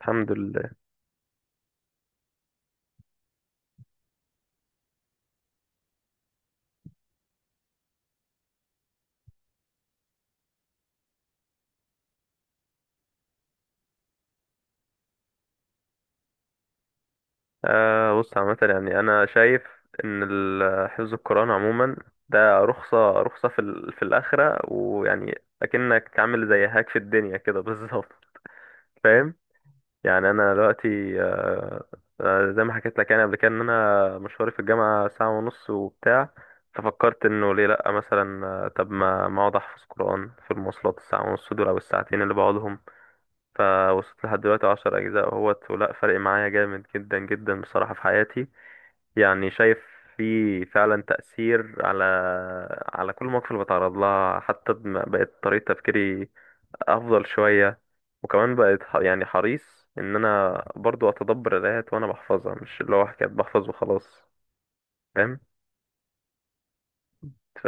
الحمد لله. بص، عامة يعني أنا شايف إن حفظ القرآن عموما ده رخصة في في الآخرة، ويعني أكنك عامل زي هاك في الدنيا كده بالظبط. فاهم. يعني أنا دلوقتي زي ما حكيت لك يعني قبل كده إن أنا مشواري في الجامعة ساعة ونص وبتاع. ففكرت إنه ليه لأ مثلا، طب ما أقعد أحفظ قرآن في المواصلات الساعة ونص دول أو الساعتين اللي بقعدهم. فوصلت لحد دلوقتي عشر أجزاء اهوت ولا، فرق معايا جامد جدا جدا بصراحة في حياتي. يعني شايف في فعلا تأثير على كل مواقف اللي بتعرض لها، حتى بقت طريقة تفكيري أفضل شوية. وكمان بقت يعني حريص إن أنا برضو أتدبر الآيات وأنا بحفظها، مش اللي هو حكاية بحفظ وخلاص. فاهم. ف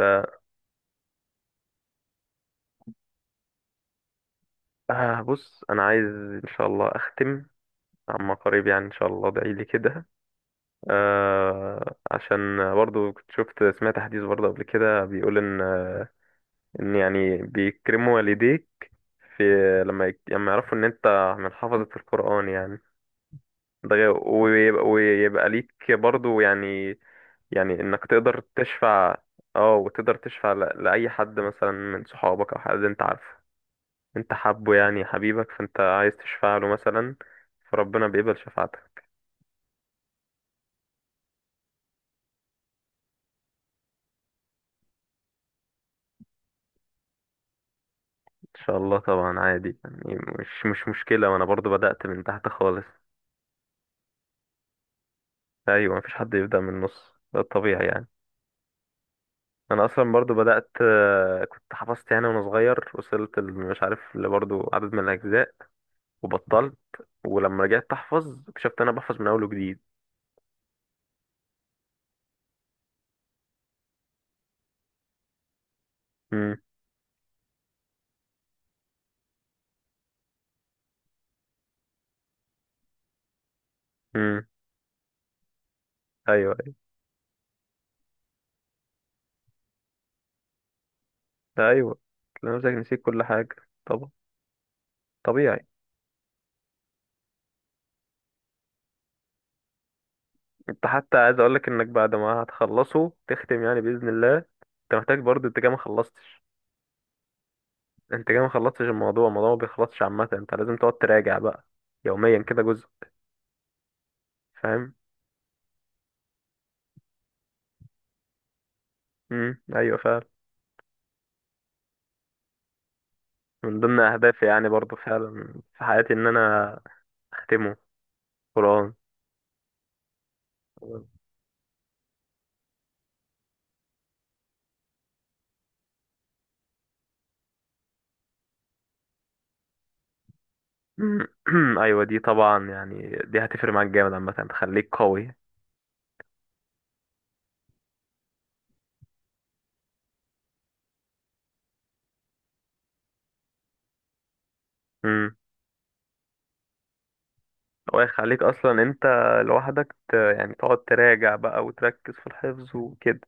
بص أنا عايز إن شاء الله أختم عما قريب، يعني إن شاء الله ادعيلي كده. آه، عشان برضو كنت شفت سمعت حديث برضو قبل كده بيقول ان ان يعني بيكرموا والديك في لما يعرفوا ان انت من حفظة القرآن يعني. ده غير- ويبقى, ويبقى ليك برضو يعني، يعني انك تقدر تشفع. اه وتقدر تشفع لأي حد مثلا من صحابك او حد انت عارفه انت حابه، يعني حبيبك، فانت عايز تشفع له مثلا فربنا بيقبل شفاعتك. ان شاء الله طبعا عادي يعني، مش مشكلة، وانا برضو بدأت من تحت خالص. ايوه مفيش حد يبدأ من النص، ده الطبيعي يعني. انا اصلا برضو بدأت، كنت حفظت يعني وانا صغير، وصلت مش عارف لبرضو عدد من الاجزاء وبطلت، ولما رجعت احفظ اكتشفت انا بحفظ من اول وجديد. امم. امم. ايوه. ايوه. ايوه تلاقي نفسك نسيت كل حاجة، طبعا، طبيعي. انت حتى عايز اقولك انك بعد ما هتخلصه تختم يعني بإذن الله، انت محتاج برضو، انت كده ما خلصتش، انت كده ما خلصتش الموضوع ما بيخلصش عامة، انت لازم تقعد تراجع بقى يوميا كده جزء. فاهم. امم. ايوه فعلا. من ضمن اهدافي يعني برضو فعلا في حياتي ان انا اختمه، قرآن. ايوه دي طبعا، يعني دي هتفرق معاك جامد عامة، تخليك قوي. امم. ويخليك اصلا انت لوحدك يعني تقعد تراجع بقى وتركز في الحفظ وكده.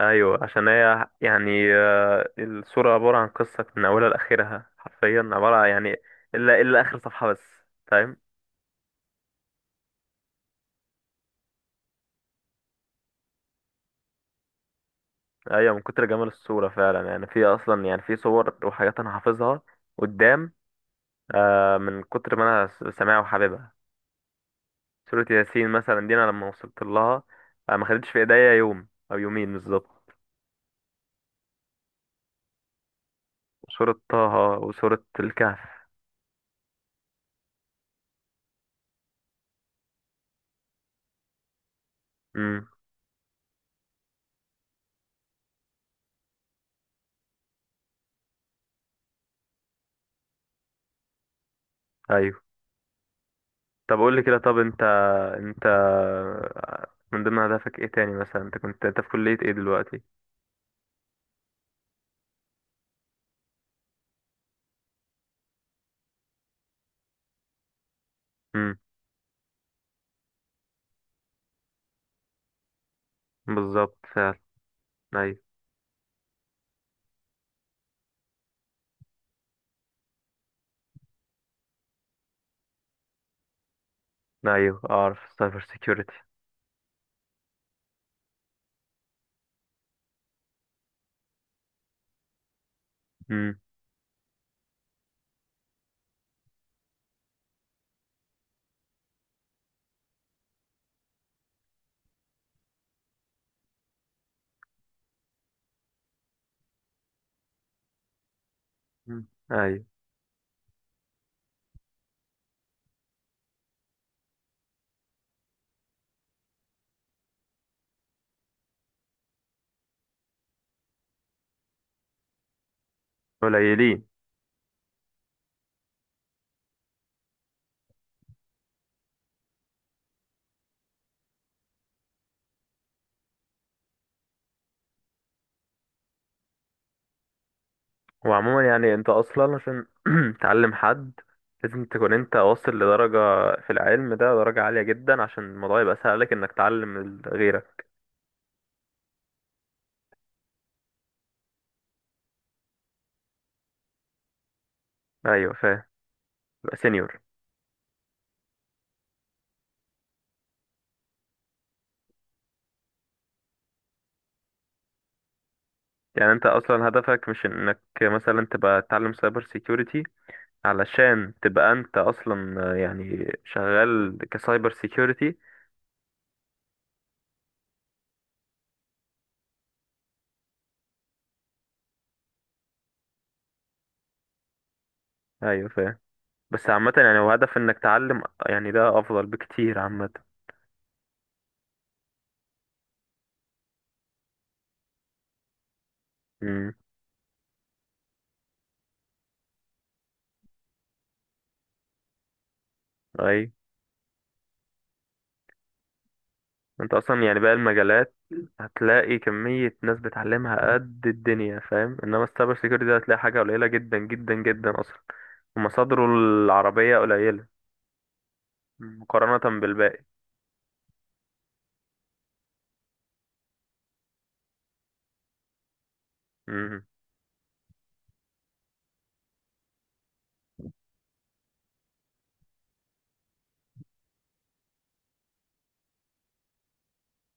ايوه عشان هي يعني، الصورة عبارة عن قصة من اولها لاخرها حرفيا، يعني الا اخر صفحة بس. فاهم. ايوه من كتر جمال الصورة فعلا، يعني في اصلا يعني في صور وحاجات انا حافظها قدام، من كتر ما انا سامعها وحاببها. سورة ياسين مثلا دي انا لما وصلت لها ما خدتش في ايديا يوم او يومين بالظبط. سورة طه وسورة الكهف. امم. طب قول لي كده، طب انت من ضمن اهدافك ايه تاني مثلا؟ انت في كلية ايه دلوقتي؟ امم. بالظبط فعلا. ايوه. ايوه اعرف السايبر سيكيورتي. امم. أمم. ايوه. قليلين. وعموما يعني انت اصلا عشان تعلم حد لازم تكون انت واصل لدرجة في العلم ده درجة عالية جدا، عشان الموضوع يبقى سهل لك انك تعلم غيرك. ايوه فاهم. يبقى سينيور. يعني انت اصلا هدفك مش انك مثلا تبقى تتعلم سايبر سيكيورتي علشان تبقى انت اصلا، يعني شغال كسايبر سيكيورتي. ايوه فاهم. بس عامة يعني هو هدف انك تعلم، يعني ده افضل بكتير عامة. امم. اي، انت اصلا يعني باقي المجالات هتلاقي كمية ناس بتعلمها قد الدنيا، فاهم، انما السايبر سيكيورتي ده هتلاقي حاجة قليلة جدا جدا جدا اصلا، ومصادره العربية قليلة مقارنة بالباقي. امم.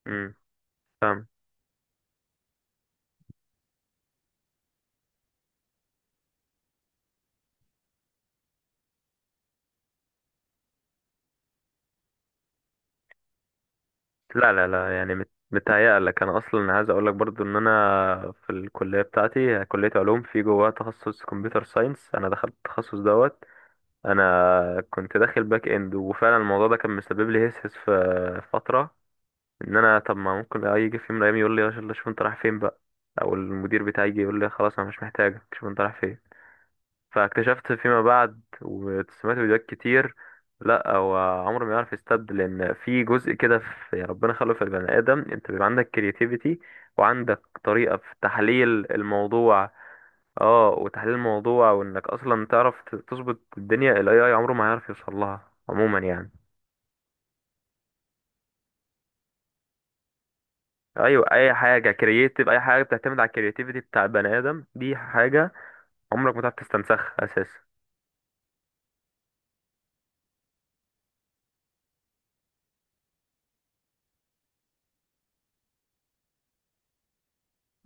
امم. فاهم. لا لا لا يعني متهيألك، انا اصلا عايز اقول لك برضو ان انا في الكليه بتاعتي كليه علوم، في جواها تخصص كمبيوتر ساينس، انا دخلت التخصص دوت. انا كنت داخل باك اند، وفعلا الموضوع ده كان مسبب لي هسهس في فتره ان انا طب ما ممكن يجي في يوم من الايام يقول لي يا شيخ شوف انت رايح فين بقى، او المدير بتاعي يجي يقول لي خلاص انا مش محتاجك شوف انت رايح فين. فاكتشفت فيما بعد وسمعت فيديوهات كتير، لا هو عمره ما يعرف يستبدل، لان في جزء كده في يعني ربنا خلقه في البني ادم، انت بيبقى عندك كرياتيفيتي وعندك طريقه في تحليل الموضوع. اه، وتحليل الموضوع وانك اصلا تعرف تظبط الدنيا، الاي اي عمره ما هيعرف يوصل لها عموما يعني. ايوه اي حاجه كرياتيف، اي حاجه بتعتمد على الكرياتيفيتي بتاع البني ادم، دي حاجه عمرك ما تعرف تستنسخها اساسا.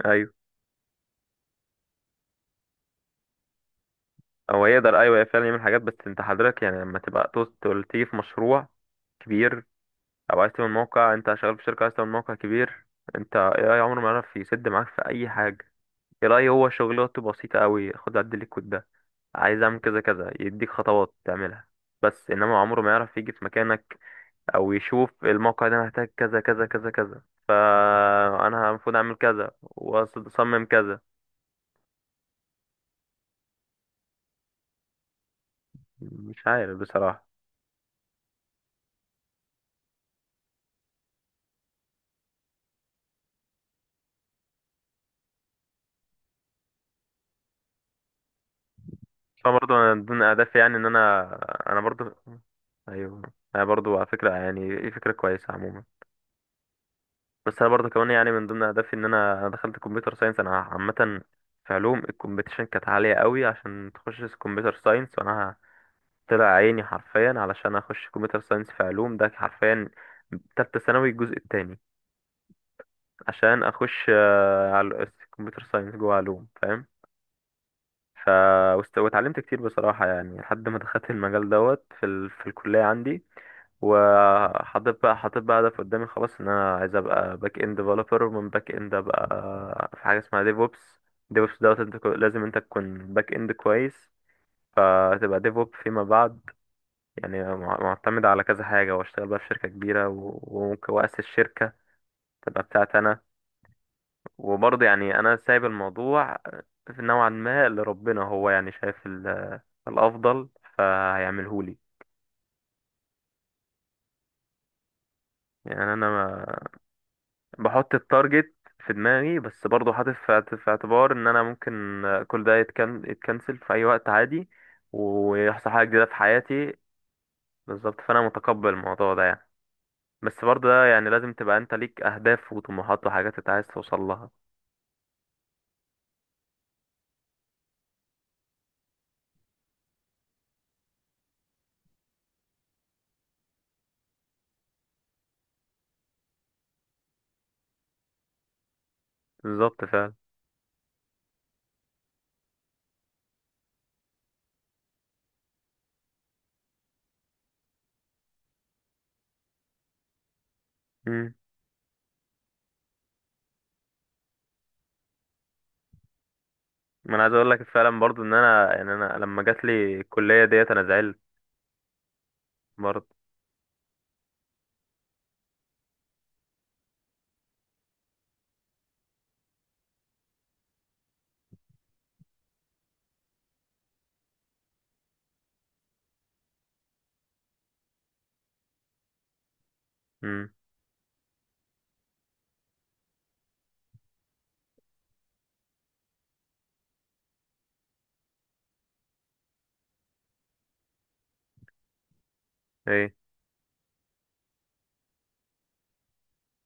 ايوه. هو يقدر، ايوه فعلا يعمل حاجات، بس انت حضرتك يعني لما تبقى توصل تيجي في مشروع كبير، او عايز تعمل موقع، انت شغال في شركه عايز تعمل موقع كبير، انت اي اي عمره ما يعرف يسد معاك في اي حاجه. اي هو شغلته بسيطه قوي، خد عدل لي الكود ده، عايز اعمل كذا كذا، يديك خطوات تعملها. بس انما عمره ما يعرف يجي في مكانك، او يشوف الموقع ده محتاج كذا كذا كذا كذا فانا المفروض اعمل كذا واصمم كذا. مش عارف بصراحه. اه برضه انا من ضمن اهدافي يعني ان انا برضه، ايوه، انا برضه على فكره يعني ايه، فكره كويسه عموما. بس انا برضه كمان يعني من ضمن اهدافي ان انا دخلت كمبيوتر ساينس انا عامه، في علوم الكومبيتيشن كانت عاليه قوي عشان تخش كمبيوتر ساينس، وانا طلع عيني حرفيا علشان اخش كمبيوتر ساينس في علوم ده حرفيا، تالتة ثانوي الجزء التاني، عشان اخش على كمبيوتر ساينس جوه علوم. فاهم. ف واتعلمت كتير بصراحة يعني لحد ما دخلت المجال دوت في في الكلية عندي. وحاطط بقى حاطط بقى هدف قدامي خلاص ان انا عايز ابقى باك اند ديفلوبر، ومن باك اند ابقى في حاجة اسمها ديف اوبس. ديف اوبس دوت انت لازم انت تكون باك اند كويس فتبقى ديف اوب فيما بعد، يعني معتمد على كذا حاجة، واشتغل بقى في شركة كبيرة وممكن واسس شركة تبقى بتاعتي انا. وبرضه يعني انا سايب الموضوع في نوعا ما لربنا، هو يعني شايف الافضل فهيعمله لي. يعني انا ما بحط التارجت في دماغي، بس برضه حاطط في اعتبار ان انا ممكن كل ده يتكنسل في اي وقت عادي، ويحصل حاجه جديده في حياتي بالظبط. فانا متقبل الموضوع ده يعني. بس برضه ده يعني لازم تبقى انت ليك اهداف وطموحات وحاجات انت عايز توصل لها. بالظبط فعلا. ما انا عايز اقول لك فعلا برضو ان انا يعني انا لما جات لي الكليه ديت انا زعلت برضو. امم. ايه.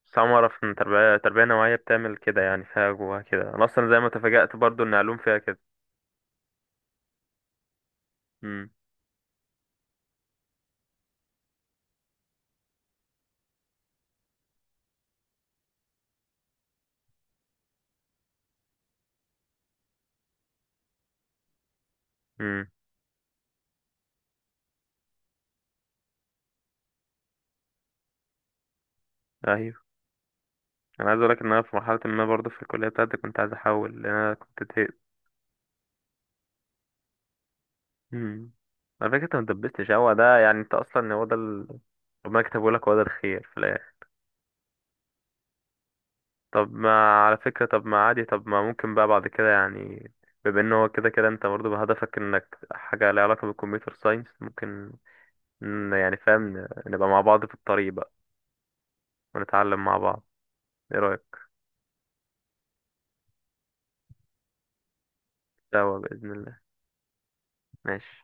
بس أول مرة اعرف ان تربيه نوعيه بتعمل كده، يعني فيها جواها كده، انا اصلا زي ما تفاجأت برضو ان علوم فيها كده. امم. امم. ايوه انا عايز اقول لك ان انا في مرحله ما برضو في الكليه بتاعتي كنت عايز احول لان انا كنت زهقت. امم. على فكره انت ما دبستش، هو ده يعني انت اصلا هو ده ربنا كتبه لك، هو ده الخير في الآخر. طب ما، على فكرة، طب ما عادي، طب ما ممكن بقى بعد كده يعني، بما ان هو كده كده انت برضه بهدفك انك حاجة لها علاقة بالكمبيوتر ساينس، ممكن يعني فاهم نبقى مع بعض في الطريق بقى ونتعلم مع بعض. ايه رأيك؟ سوا بإذن الله. ماشي.